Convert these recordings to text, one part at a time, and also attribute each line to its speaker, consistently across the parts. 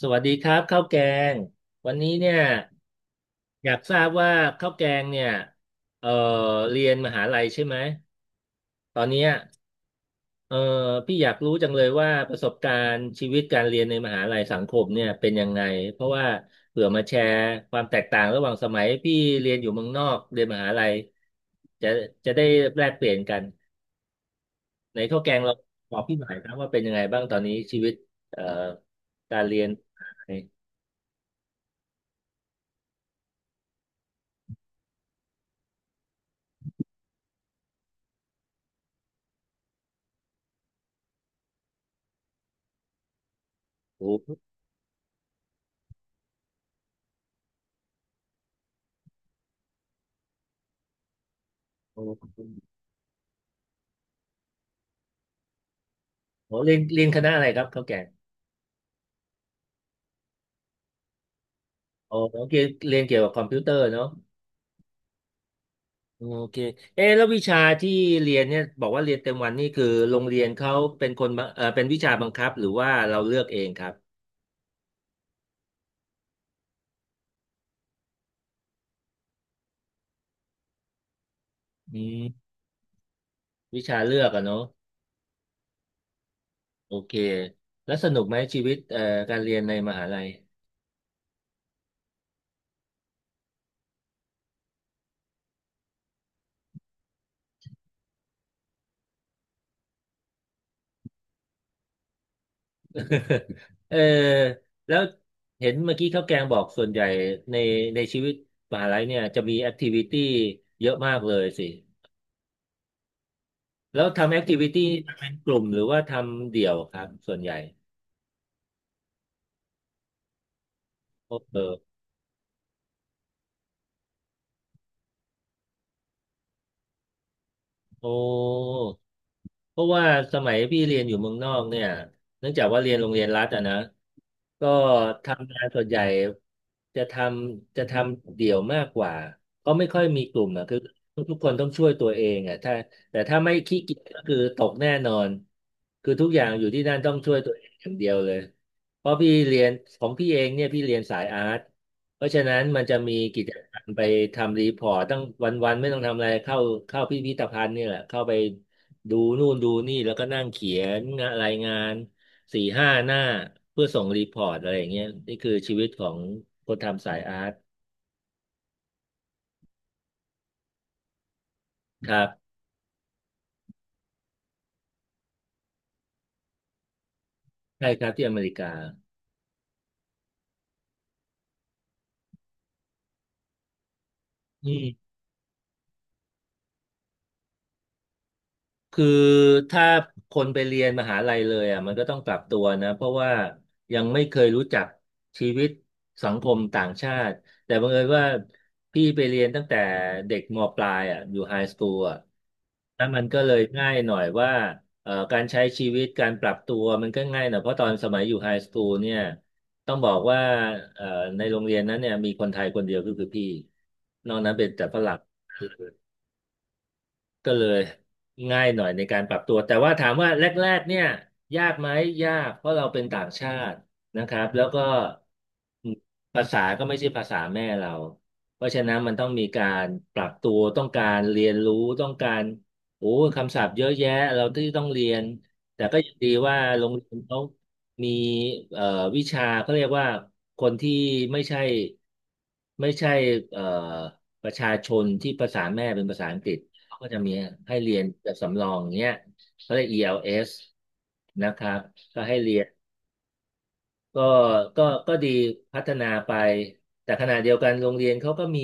Speaker 1: สวัสดีครับข้าวแกงวันนี้เนี่ยอยากทราบว่าข้าวแกงเนี่ยเอ่อเรียนมหาลัยใช่ไหมตอนเนี้ยเอ่อพี่อยากรู้จังเลยว่าประสบการณ์ชีวิตการเรียนในมหาลัยสังคมเนี่ยเป็นยังไงเพราะว่าเผื่อมาแชร์ความแตกต่างระหว่างสมัยพี่เรียนอยู่เมืองนอกเรียนมหาลัยจะจะได้แลกเปลี่ยนกันในข้าวแกงเราบอกพี่หน่อยครับว่าเป็นยังไงบ้างตอนนี้ชีวิตเอ่อการเรียนมหาลัยโอ้โห โอ้เรียนคณะอะไรครับเขาแก่โอ้โอเคเรียนเกี่ยวกับคอมพิวเตอร์เนาะโอเคเอ๊ะแล้ววิชาที่เรียนเนี่ยบอกว่าเรียนเต็มวันนี่คือโรงเรียนเขาเป็นคนบังเออเป็นวิชาบังคับหรือว่าเราเลือกเองครับอืมวิชาเลือกอะเนาะโอเคแล้วสนุกไหมชีวิตการเรียนในมหาลัย เออแล้วเห็นเมื่อกี้ข้าวแกงบอกส่วนใหญ่ในในชีวิตมหาลัยเนี่ยจะมีแอคทิวิตี้เยอะมากเลยสิ แล้วทำแอคทิวิตี้เป็นกลุ่มหรือว่าทำเดี่ยวครับส่วนใหญ่โอ้เออโอ้ เพราะว่าสมัยพี่เรียนอยู่เมืองนอกเนี่ยเนื่องจากว่าเรียนโรงเรียนรัฐอะนะก็ทำงานส่วนใหญ่จะทจะทำเดี่ยวมากกว่าก็ไม่ค่อยมีกลุ่มอะคือทุกคนต้องช่วยตัวเองอะถ้าแต่ถ้าไม่ขี้เกียจก็คือตกแน่นอนคือทุกอย่างอยู่ที่นั่นต้องช่วยตัวเองอย่างเดียวเลยเพราะพี่เรียนของพี่เองเนี่ยพี่เรียนสายอาร์ตเพราะฉะนั้นมันจะมีกิจกรรมไปทำรีพอร์ตตั้งวันๆไม่ต้องทำอะไรเข้าพิพิธภัณฑ์นี่แหละเข้าไป ดูนู่นดูนี่แล้วก็นั่งเขียนรายงานสี่ห้าหน้าเพื่อส่งรีพอร์ตอะไรอย่างเงี้ยนี่คือชีวิตของคนทำสายอาร์ตครับใช่ครับที่อเมริกาอืม คือถ้าคนไปเรียนมหาลัยเลยอ่ะมันก็ต้องปรับตัวนะเพราะว่ายังไม่เคยรู้จักชีวิตสังคมต่างชาติแต่บังเอิญว่าพี่ไปเรียนตั้งแต่เด็กมปลายอ่ะอยู่ไฮสคูลอ่ะแล้วมันก็เลยง่ายหน่อยว่าการใช้ชีวิตการปรับตัวมันก็ง่ายหน่อยเพราะตอนสมัยอยู่ไฮสคูลเนี่ยต้องบอกว่าเอ่อในโรงเรียนนั้นเนี่ยมีคนไทยคนเดียวก็คือพี่นอกนั้นเป็นแต่ฝรั่ง ก็เลยง่ายหน่อยในการปรับตัวแต่ว่าถามว่าแรกๆเนี่ยยากไหมยากเพราะเราเป็นต่างชาตินะครับแล้วก็ภาษาก็ไม่ใช่ภาษาแม่เราเพราะฉะนั้นมันต้องมีการปรับตัวต้องการเรียนรู้ต้องการโอ้คำศัพท์เยอะแยะเราที่ต้องเรียนแต่ก็ยังดีว่าโรงเรียนเขามีเอ่อวิชาเขาเรียกว่าคนที่ไม่ใช่ไม่ใช่เอ่อประชาชนที่ภาษาแม่เป็นภาษาอังกฤษ เขาก็จะมีให้เรียนแบบสำรองเนี้ยเขาเรียก ELS นะครับก็ให้เรียน ก็ก็ดีพัฒนาไป แต่ขณะเดียวกันโรงเรียนเขาก็มี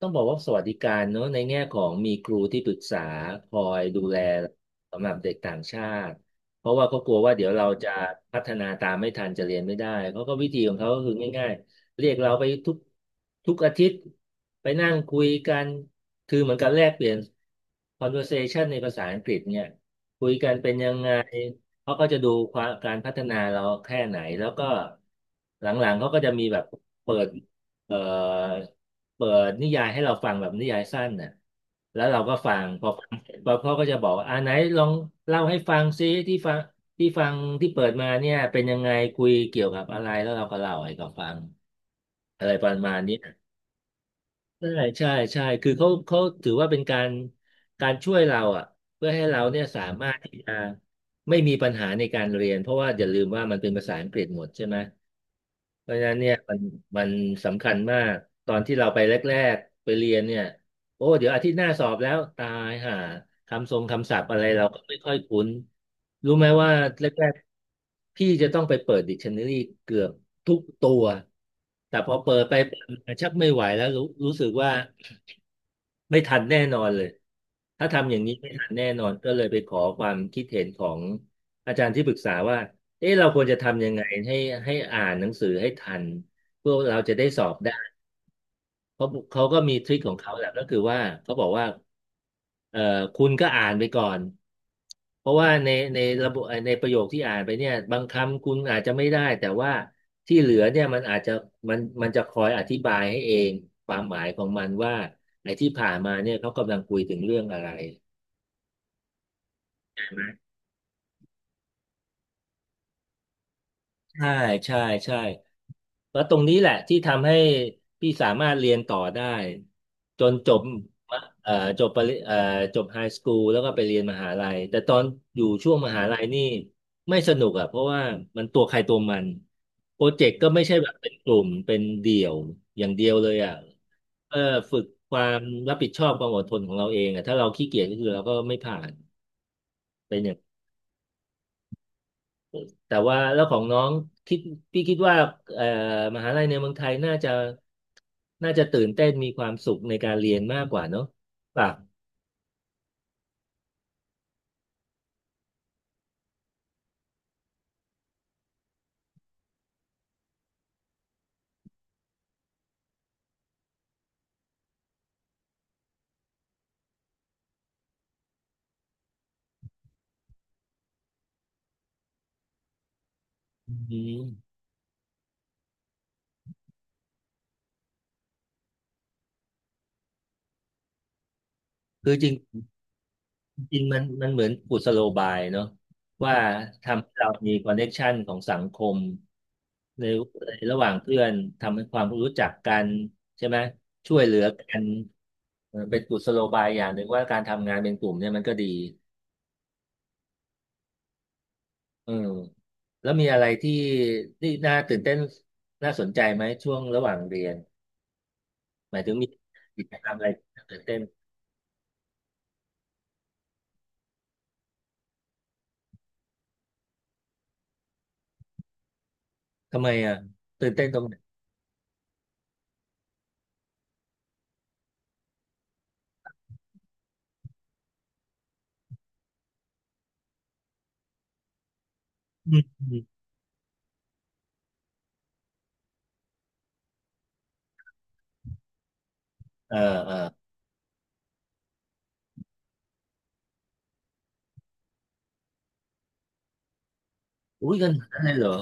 Speaker 1: ต้องบอกว่าสวัสดิการเนอะในแง่ของมีครูที่ปรึกษาคอยดูแลสำหรับเด็กต่างชาติ เพราะว่าเขากลัวว่าเดี๋ยวเราจะพัฒนาตามไม่ทันจะเรียนไม่ได้เขาก็วิธีของเขาก็คือง่ายๆ เรียกเราไปทุกอาทิตย์ไปนั่งคุยกัน คือเหมือนกันแลกเปลี่ยน conversation ในภาษาอังกฤษเนี่ยคุยกันเป็นยังไง เขาก็จะดูความการพัฒนาเราแค่ไหนแล้วก็หลังๆเขาก็จะมีแบบเปิดเอ่อเปิดนิยายให้เราฟังแบบนิยายสั้นน่ะแล้วเราก็ฟังพอฟังพอเขาก็จะบอกว่าอ่าไหนลองเล่าให้ฟังซิที่ฟังที่เปิดมาเนี่ยเป็นยังไงคุยเกี่ยวกับอะไรแล้วเราก็เล่าให้เขาฟังอะไรประมาณนี้ ใช่ใช่ใช่คือเขาถือว่าเป็นการช่วยเราอ่ะเพื่อให้เราเนี่ยสามมารถที่จะไม่มีปัญหาในการเรียนเพราะว่าอย่าลืมว่ามันเป็นภาษาอังกฤษหมดใช่ไหมเพราะฉะนั้นเนี่ยมันสำคัญมากตอนที่เราไปแรกๆไปเรียนเนี่ย โอ้ เดี๋ยวอาทิตย์หน้าสอบแล้วตายห่าคำทรงคำศัพท์อะไรเราก็ไม่ค่อยคุ้นรู้ไหมว่าแรกๆพี่จะต้องไปเปิดดิกชันนารีเกือบทุกตัวแต่พอเปิดไปเปิดมาชักไม่ไหวแล้วรู้สึกว่าไม่ทันแน่นอนเลยถ้าทำอย่างนี้ไม่ทันแน่นอนก็เลยไปขอความคิดเห็นของอาจารย์ที่ปรึกษาว่าเอ๊ะเราควรจะทำยังไงให้อ่านหนังสือให้ทันพวกเราจะได้สอบได้ เขาเขาก็มีทริคของเขาแหละก็คือว่าเขาบอกว่าเอ่อคุณก็อ่านไปก่อนเพราะว่าในระบบในประโยคที่อ่านไปเนี่ยบางคำคุณอาจจะไม่ได้แต่ว่าที่เหลือเนี่ยมันอาจจะมันจะคอยอธิบายให้เองความหมายของมันว่าไอ้ที่ผ่านมาเนี่ยเขากำลังคุยถึงเรื่องอะไร ใช่ใช่ใช่แล้วตรงนี้แหละที่ทำให้พี่สามารถเรียนต่อได้จนจบมะเอ่อจบปริเอ่อจบไฮสคูลแล้วก็ไปเรียนมหาลัยแต่ตอนอยู่ช่วงมหาลัยนี่ไม่สนุกอ่ะเพราะว่ามันตัวใครตัวมันโปรเจกต์ก็ไม่ใช่แบบเป็นกลุ่มเป็นเดี่ยวอย่างเดียวเลยอ่ะเออฝึกความรับผิดชอบความอดทนของเราเองอ่ะถ้าเราขี้เกียจก็คือเราก็ไม่ผ่าน แต่ว่าแล้วของน้องคิดพี่คิดว่าเอ่อมหาลัยในเมืองไทยน่าจะตื่นเต้นมีความสุขในการเรียนมากกว่าเนอะป่ะอืมคือจริงจริงมันเหมือนกุศโลบายเนอะว่าทำให้เรามีคอนเน t ชันของสังคมในในระหว่างเพื่อนทำให้ความรู้จักกันใช่ไหมช่วยเหลือกันเออเป็นกุศโลบายอย่างหนึ่งว่าการทำงานเป็นกลุ่มเนี่ยมันก็ดี เออแล้วมีอะไรที่น่าตื่นเต้นน่าสนใจไหมช่วงระหว่างเรียนหมายถึงมีกิจกรรมอะไรที่น่าตื่นเต้นทำไมอ่ะตื่นเต้นตรงไหนอืมอืมเออเอออุ้ยกันขนาดนั้นเลยเหรอ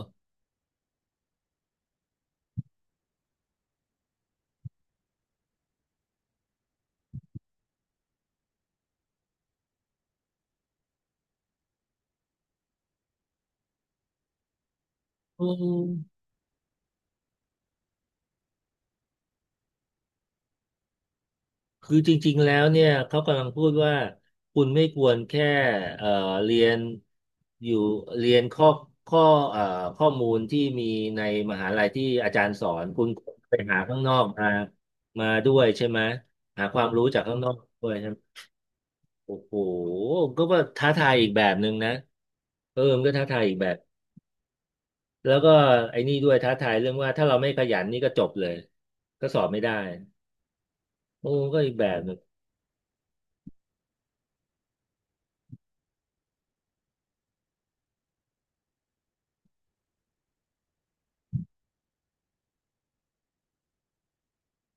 Speaker 1: อืม คือจริงๆ แล้วเนี่ยเขากำลังพูดว่าคุณไม่ควรแค่เอ่อเรียนอยู่เรียนข้อข้อเอ่อข้อมูลที่มีในมหาลัยที่อาจารย์สอนคุณไปหาข้างนอกมาด้วยใช่ไหมหาความรู้จากข้างนอกด้วยใช่ไหมโอ้โหก็ว่าท้าทายอีกแบบหนึ่งนะเออมันก็ท้าทายอีกแบบแล้วก็ไอ้นี่ด้วยท้าทายเรื่องว่าถ้าเราไม่ขยันนี่ก็จบเลยก็สอบไม่ได้โอ้ก็อีกแบบ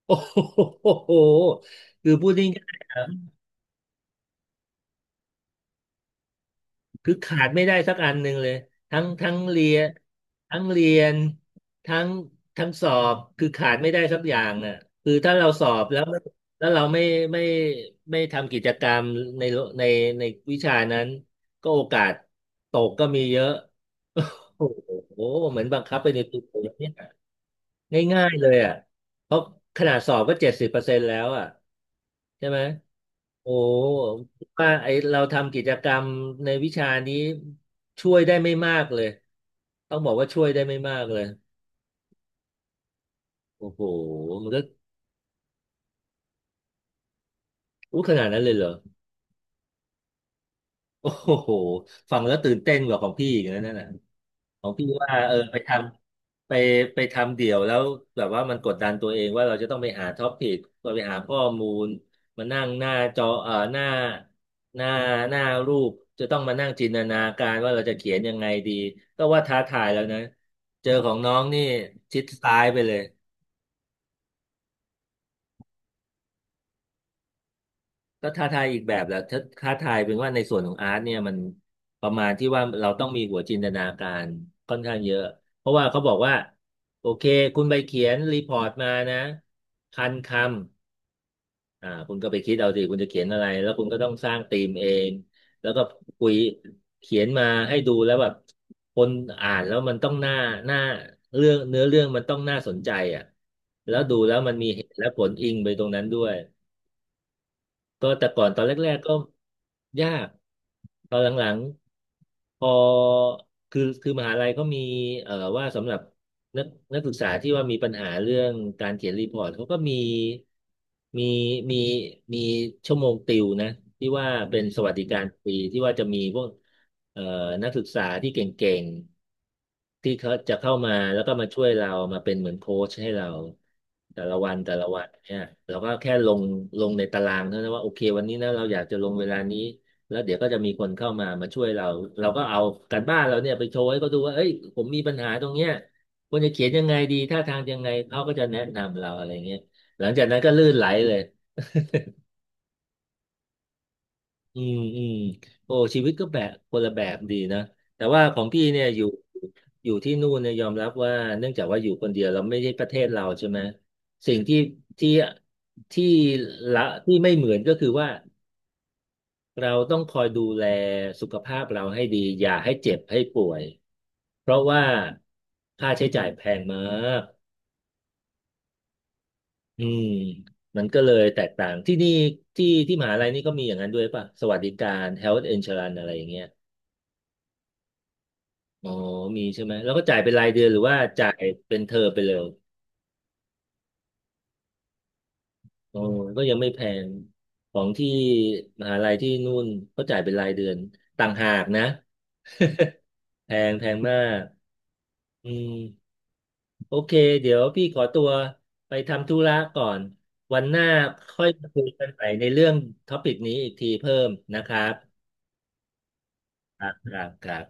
Speaker 1: โอ้โหคือพูดง่ายๆอะคือขาดไม่ได้สักอันหนึ่งเลยทั้งทั้งเรียนทั้งเรียนทั้งทั้งสอบคือขาดไม่ได้สักอย่างอ่ะคือถ้าเราสอบแล้วไม่แล้วเราไม่ไม่ทำกิจกรรมในในในวิชานั้นก็โอกาสตกก็มีเยอะโอ้โหเหมือนบังคับไปในตัวเลยเนี่ยง่ายๆเลยอ่ะเพราะขนาดสอบก็70%แล้วอ่ะใช่ไหม โอ้ว่าไอเราทำกิจกรรมในวิชานี้ช่วยได้ไม่มากเลยต้องบอกว่าช่วยได้ไม่มากเลยโอ้โหมันก็อู้ขนาดนั้นเลยเหรอโอ้โหฟังแล้วตื่นเต้นกว่าของพี่อีกนะนั่นน่ะ ของพี่ว่าเออำไปไปทำเดี่ยวแล้วแบบว่ามันกดดันตัวเองว่าเราจะต้องไปหาท็อปิกเราไปหาข้อมูลมานั่งหน้าจอเอ่อหน้าหน้าหน้ารูปจะต้องมานั่งจินตนาการว่าเราจะเขียนยังไงดีก็ว่าท้าทายแล้วนะเจอของน้องนี่ชิดซ้ายไปเลย ก็ท้าทายอีกแบบแหละถ้าท้าทายเป็นว่าในส่วนของอาร์ตเนี่ยมันประมาณที่ว่าเราต้องมีหัวจินตนาการค่อนข้างเยอะเพราะว่าเขาบอกว่าโอเคคุณไปเขียนรีพอร์ตมานะ1,000 คำอ่าคุณก็ไปคิดเอาสิคุณจะเขียนอะไรแล้วคุณก็ต้องสร้างธีมเองแล้วก็คุยเขียนมาให้ดูแล้วแบบคนอ่านแล้วมันต้องน่าน่าเนื้อเรื่องมันต้องน่าสนใจอ่ะแล้วดูแล้วมันมีเหตุและผลอิงไปตรงนั้นด้วย ก็แต่ก่อนตอนแรกๆก็ยากตอนหลังๆพอคือมหาลัยก็มีเอ่อว่าสำหรับนักนักศึกษาที่ว่ามีปัญหาเรื่องการเขียนรีพอร์ตเขาก็มีมีมีชั่วโมงติวนะที่ว่าเป็นสวัสดิการฟรีที่ว่าจะมีพวก เอ่อนักศึกษาที่เก่งๆที่เขาจะเข้ามาแล้วก็มาช่วยเรามาเป็นเหมือนโค้ชให้เราแต่ละวันแต่ละวันเนี่ยเราก็แค่ลงในตารางเท่านั้นว่าโอเควันนี้นะเราอยากจะลงเวลานี้แล้วเดี๋ยวก็จะมีคนเข้ามาช่วยเราเราก็เอาการบ้านเราเนี่ยไปโชว์ให้เขาดูว่าเอ้ยผมมีปัญหาตรงเนี้ยควรจะเขียนยังไงดีท่าทางยังไงเขาก็จะแนะนำเราอะไรเงี้ยหลังจากนั้นก็ลื่นไหลเลย อืมอืมโอ้ชีวิตก็แบบคนละแบบดีนะแต่ว่าของพี่เนี่ยอยู่ที่นู่นเนี่ยยอมรับว่าเนื่องจากว่าอยู่คนเดียวเราไม่ใช่ประเทศเราใช่ไหมสิ่งที่ที่ละที่ไม่เหมือนก็คือว่าเราต้องคอยดูแลสุขภาพเราให้ดีอย่าให้เจ็บให้ป่วยเพราะว่าค่าใช้จ่ายแพงมากอืมมันก็เลยแตกต่างที่นี่ที่มหาลัยนี่ก็มีอย่างนั้นด้วยป่ะสวัสดิการ health insurance อะไรอย่างเงี้ย อ๋อมีใช่ไหม แล้วก็จ่ายเป็นรายเดือนหรือว่าจ่ายเป็นเทอมไปเลยอ๋อก็ยังไม่แพงของที่มหาลัยที่นู่นเขาจ่ายเป็นรายเดือนต่างหากนะ แพงแพงมากอืมโอเค เดี๋ยวพี่ขอตัวไปทำธุระก่อนวันหน้าค่อยมาคุยกันใหม่ในเรื่องท็อปิกนี้อีกทีเพิ่มนะครับครับครับครับ